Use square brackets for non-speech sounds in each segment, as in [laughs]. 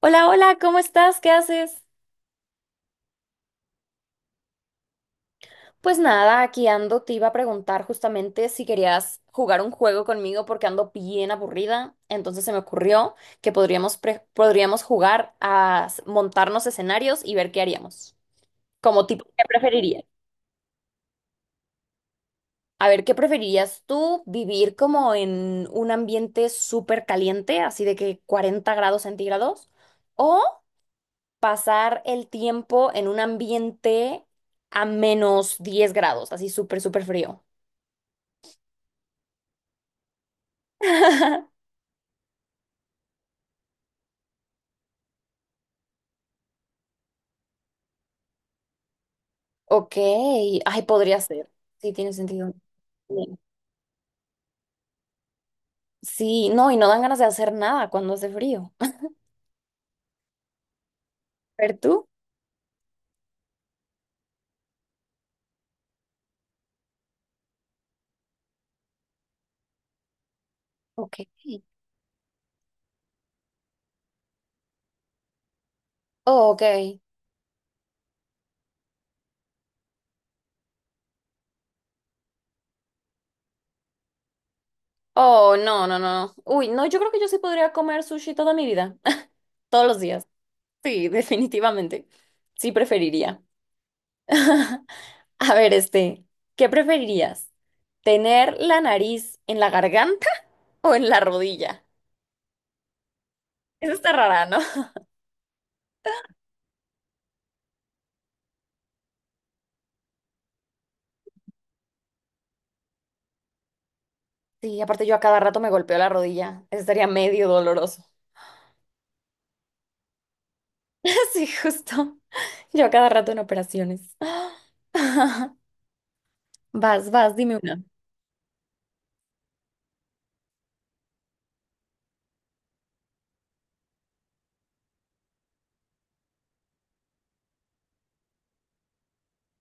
Hola, hola, ¿cómo estás? ¿Qué haces? Pues nada, aquí ando, te iba a preguntar justamente si querías jugar un juego conmigo porque ando bien aburrida, entonces se me ocurrió que podríamos, podríamos jugar a montarnos escenarios y ver qué haríamos. Como tipo, ¿qué preferirías? A ver, ¿qué preferirías tú vivir como en un ambiente súper caliente, así de que 40 grados centígrados? ¿Pasar el tiempo en un ambiente a -10 grados, así súper frío? [laughs] Ok, ay, podría ser. Sí, tiene sentido. Bien. Sí, no, y no dan ganas de hacer nada cuando hace frío. [laughs] ¿Pero tú? Ok. Oh, ok. Oh, no, no, no. Uy, no, yo creo que yo sí podría comer sushi toda mi vida. [laughs] Todos los días. Sí, [laughs] definitivamente. Sí, preferiría. [laughs] A ver, ¿qué preferirías? ¿Tener la nariz en la garganta o en la rodilla? Eso está rara, ¿no? Sí, aparte yo a cada rato me golpeo la rodilla. Estaría medio doloroso. [laughs] Sí, justo. Yo a cada rato en operaciones. [laughs] [gasps] Vas, vas, dime una.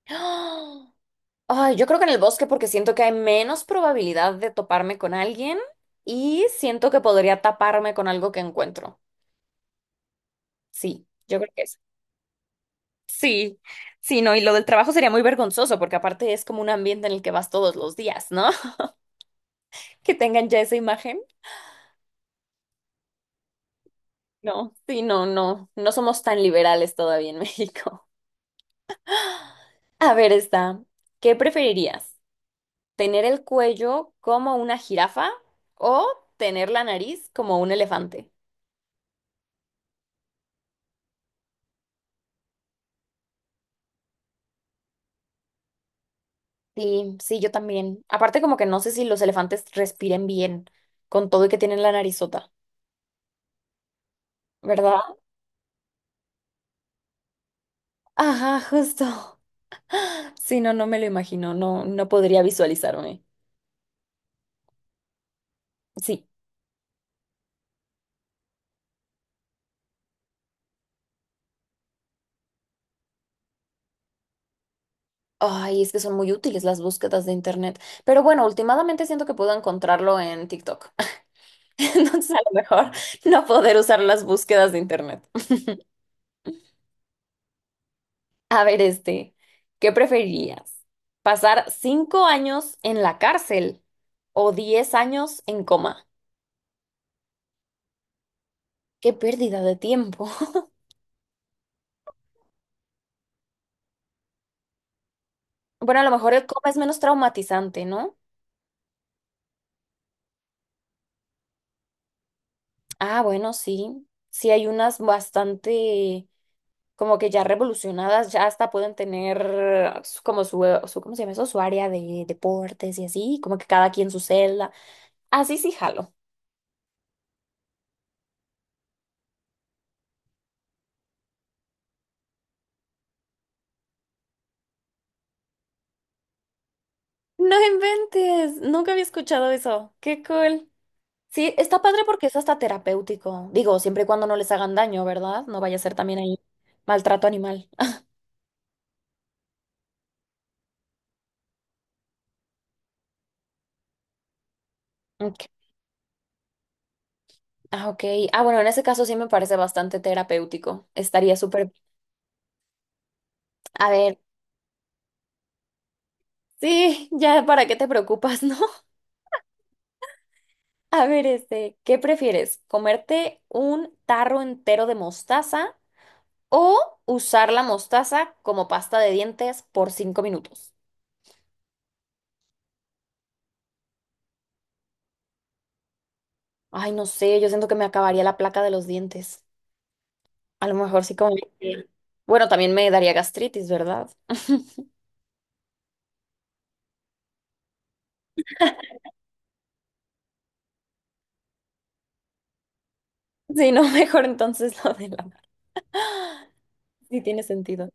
[gasps] Ay, yo creo que en el bosque, porque siento que hay menos probabilidad de toparme con alguien y siento que podría taparme con algo que encuentro. Sí, yo creo que es. Sí, sí, no, y lo del trabajo sería muy vergonzoso porque aparte es como un ambiente en el que vas todos los días, ¿no? [laughs] Que tengan ya esa imagen. No, sí, no, no, no somos tan liberales todavía en México. [laughs] A ver, está. ¿Qué preferirías? ¿Tener el cuello como una jirafa o tener la nariz como un elefante? Sí, sí, yo también. Aparte, como que no sé si los elefantes respiren bien con todo y que tienen la narizota, ¿verdad? Ajá, justo. [laughs] Sí, no, no me lo imagino. No, no podría visualizarme. Sí. Ay, es que son muy útiles las búsquedas de internet. Pero bueno, últimamente siento que puedo encontrarlo en TikTok. [laughs] Entonces, a lo mejor no poder usar las búsquedas de internet. A ver, ¿qué preferirías? ¿Pasar 5 años en la cárcel o 10 años en coma? Qué pérdida de tiempo. [laughs] Bueno, a lo mejor el coma es menos traumatizante, ¿no? Ah, bueno, sí. Sí, hay unas bastante como que ya revolucionadas, ya hasta pueden tener como su ¿cómo se llama eso? Su área de deportes y así, como que cada quien su celda. Así sí, jalo. No inventes, nunca había escuchado eso. Qué cool. Sí, está padre porque es hasta terapéutico. Digo, siempre y cuando no les hagan daño, ¿verdad? No vaya a ser también ahí maltrato animal. Ah, ok. Ah, ok. Ah, bueno, en ese caso sí me parece bastante terapéutico. Estaría súper. A ver, sí, [laughs] ya para qué te preocupas, ¿no? [laughs] A ver, ¿qué prefieres? ¿Comerte un tarro entero de mostaza o usar la mostaza como pasta de dientes por 5 minutos? Ay, no sé, yo siento que me acabaría la placa de los dientes. A lo mejor sí como... que- Bueno, también me daría gastritis, ¿verdad? [laughs] Sí, no, mejor entonces [laughs] lo de la... Sí tiene sentido.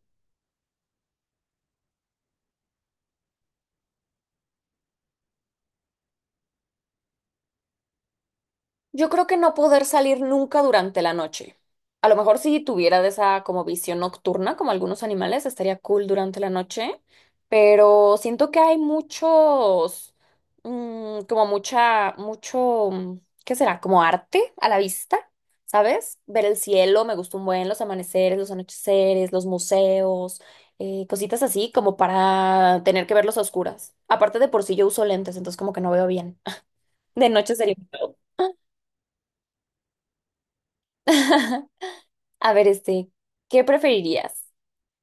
Yo creo que no poder salir nunca durante la noche. A lo mejor si tuviera de esa como visión nocturna, como algunos animales, estaría cool durante la noche, pero siento que hay muchos, como ¿qué será? Como arte a la vista, ¿sabes? Ver el cielo, me gusta un buen, los amaneceres, los anocheceres, los museos, cositas así como para tener que verlos a oscuras. Aparte de por sí yo uso lentes, entonces como que no veo bien. [laughs] De noche sería... un pedo. [laughs] A ver, ¿qué preferirías?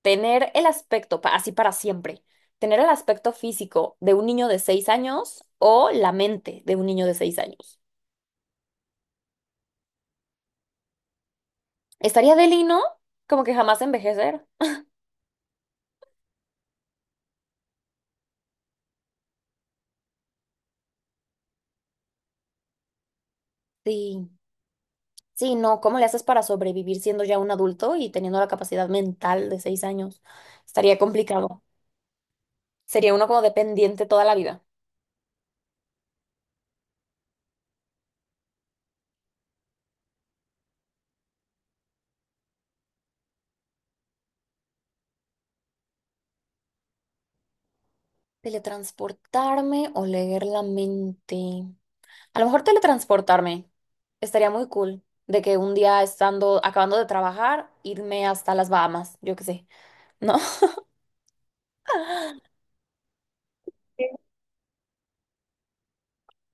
¿Tener el aspecto, así para siempre, tener el aspecto físico de un niño de 6 años o la mente de un niño de 6 años? Estaría deli, ¿no? Como que jamás envejecer. Sí, sí, no, ¿cómo le haces para sobrevivir siendo ya un adulto y teniendo la capacidad mental de 6 años? Estaría complicado. Sería uno como dependiente toda la vida. ¿Teletransportarme o leer la mente? A lo mejor teletransportarme estaría muy cool. De que un día estando, acabando de trabajar, irme hasta las Bahamas, yo qué sé, ¿no? [laughs] Sí.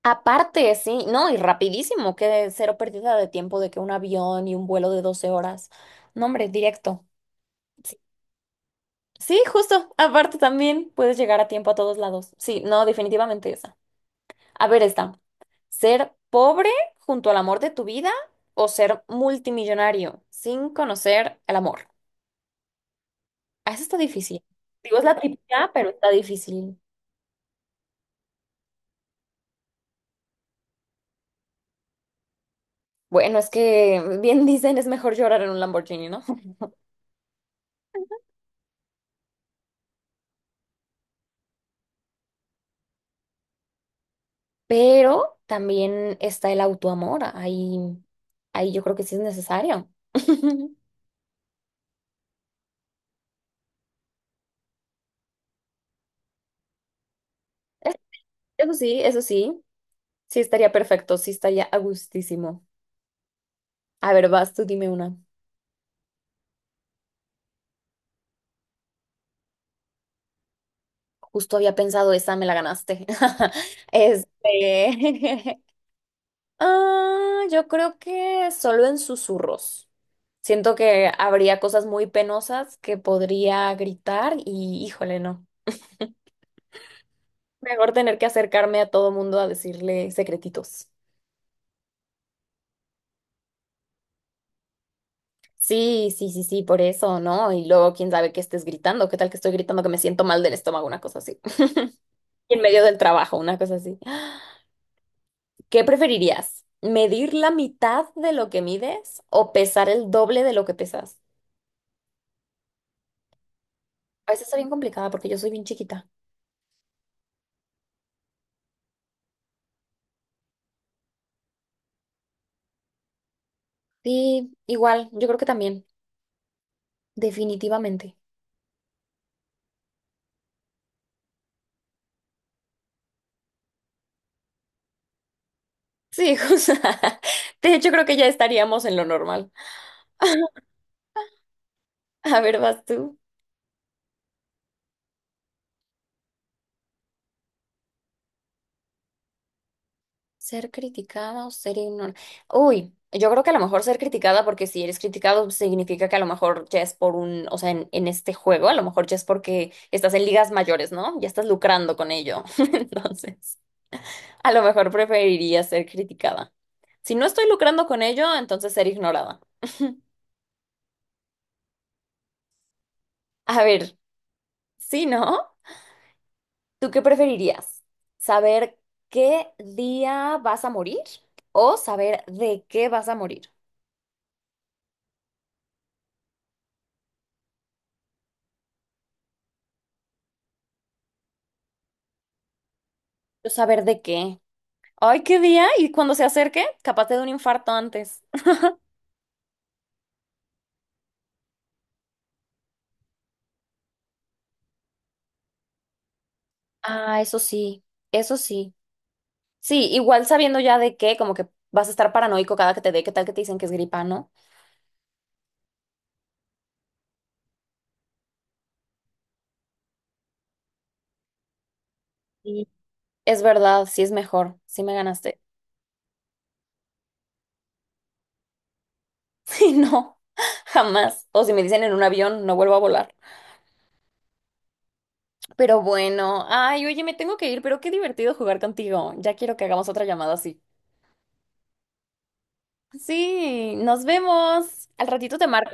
Aparte, sí, no, y rapidísimo, que cero pérdida de tiempo de que un avión y un vuelo de 12 horas. No, hombre, directo. Sí, sí, justo. Aparte también puedes llegar a tiempo a todos lados. Sí, no, definitivamente esa. A ver, esta. ¿Ser pobre junto al amor de tu vida o ser multimillonario sin conocer el amor? Ah, eso está difícil. Digo, es la típica, pero está difícil. Bueno, es que bien [laughs] dicen, es mejor llorar en un Lamborghini, ¿no? Pero también está el autoamor. Ahí, ahí yo creo que sí es necesario. [laughs] Es- Eso sí, eso sí. Sí estaría perfecto, sí estaría a gustísimo. A ver, vas tú, dime una. Justo había pensado esa, me la ganaste. [laughs] Este. [laughs] Ah, yo creo que solo en susurros. Siento que habría cosas muy penosas que podría gritar y híjole, no. Mejor tener que acercarme a todo mundo a decirle secretitos. Sí, sí, sí, sí, por eso, ¿no? Y luego, quién sabe qué estés gritando. ¿Qué tal que estoy gritando que me siento mal del estómago? Una cosa así. [laughs] En medio del trabajo, una cosa así. ¿Qué preferirías? ¿Medir la mitad de lo que mides o pesar el doble de lo que pesas? A veces está bien complicada porque yo soy bien chiquita. Sí, igual, yo creo que también, definitivamente. Sí, [laughs] o sea, de hecho creo que ya estaríamos en lo normal. A ver, vas tú. Ser criticada o ser ignorada. Uy, yo creo que a lo mejor ser criticada, porque si eres criticado significa que a lo mejor ya es por un, o sea, en este juego, a lo mejor ya es porque estás en ligas mayores, ¿no? Ya estás lucrando con ello. [laughs] Entonces, a lo mejor preferiría ser criticada. Si no estoy lucrando con ello, entonces ser ignorada. A ver, sí, ¿no? ¿Tú qué preferirías? ¿Saber qué día vas a morir o saber de qué vas a morir? Yo saber de qué. Ay, qué día. Y cuando se acerque, capaz te de un infarto antes. Ah, eso sí, eso sí. Sí, igual sabiendo ya de qué, como que vas a estar paranoico cada que te dé, qué tal que te dicen que es gripa, ¿no? Sí. Es verdad, sí es mejor. Sí me ganaste. [laughs] Sí, no, jamás. O si me dicen en un avión, no vuelvo a volar. Pero bueno, ay, oye, me tengo que ir, pero qué divertido jugar contigo. Ya quiero que hagamos otra llamada así. Sí, nos vemos. Al ratito te marco.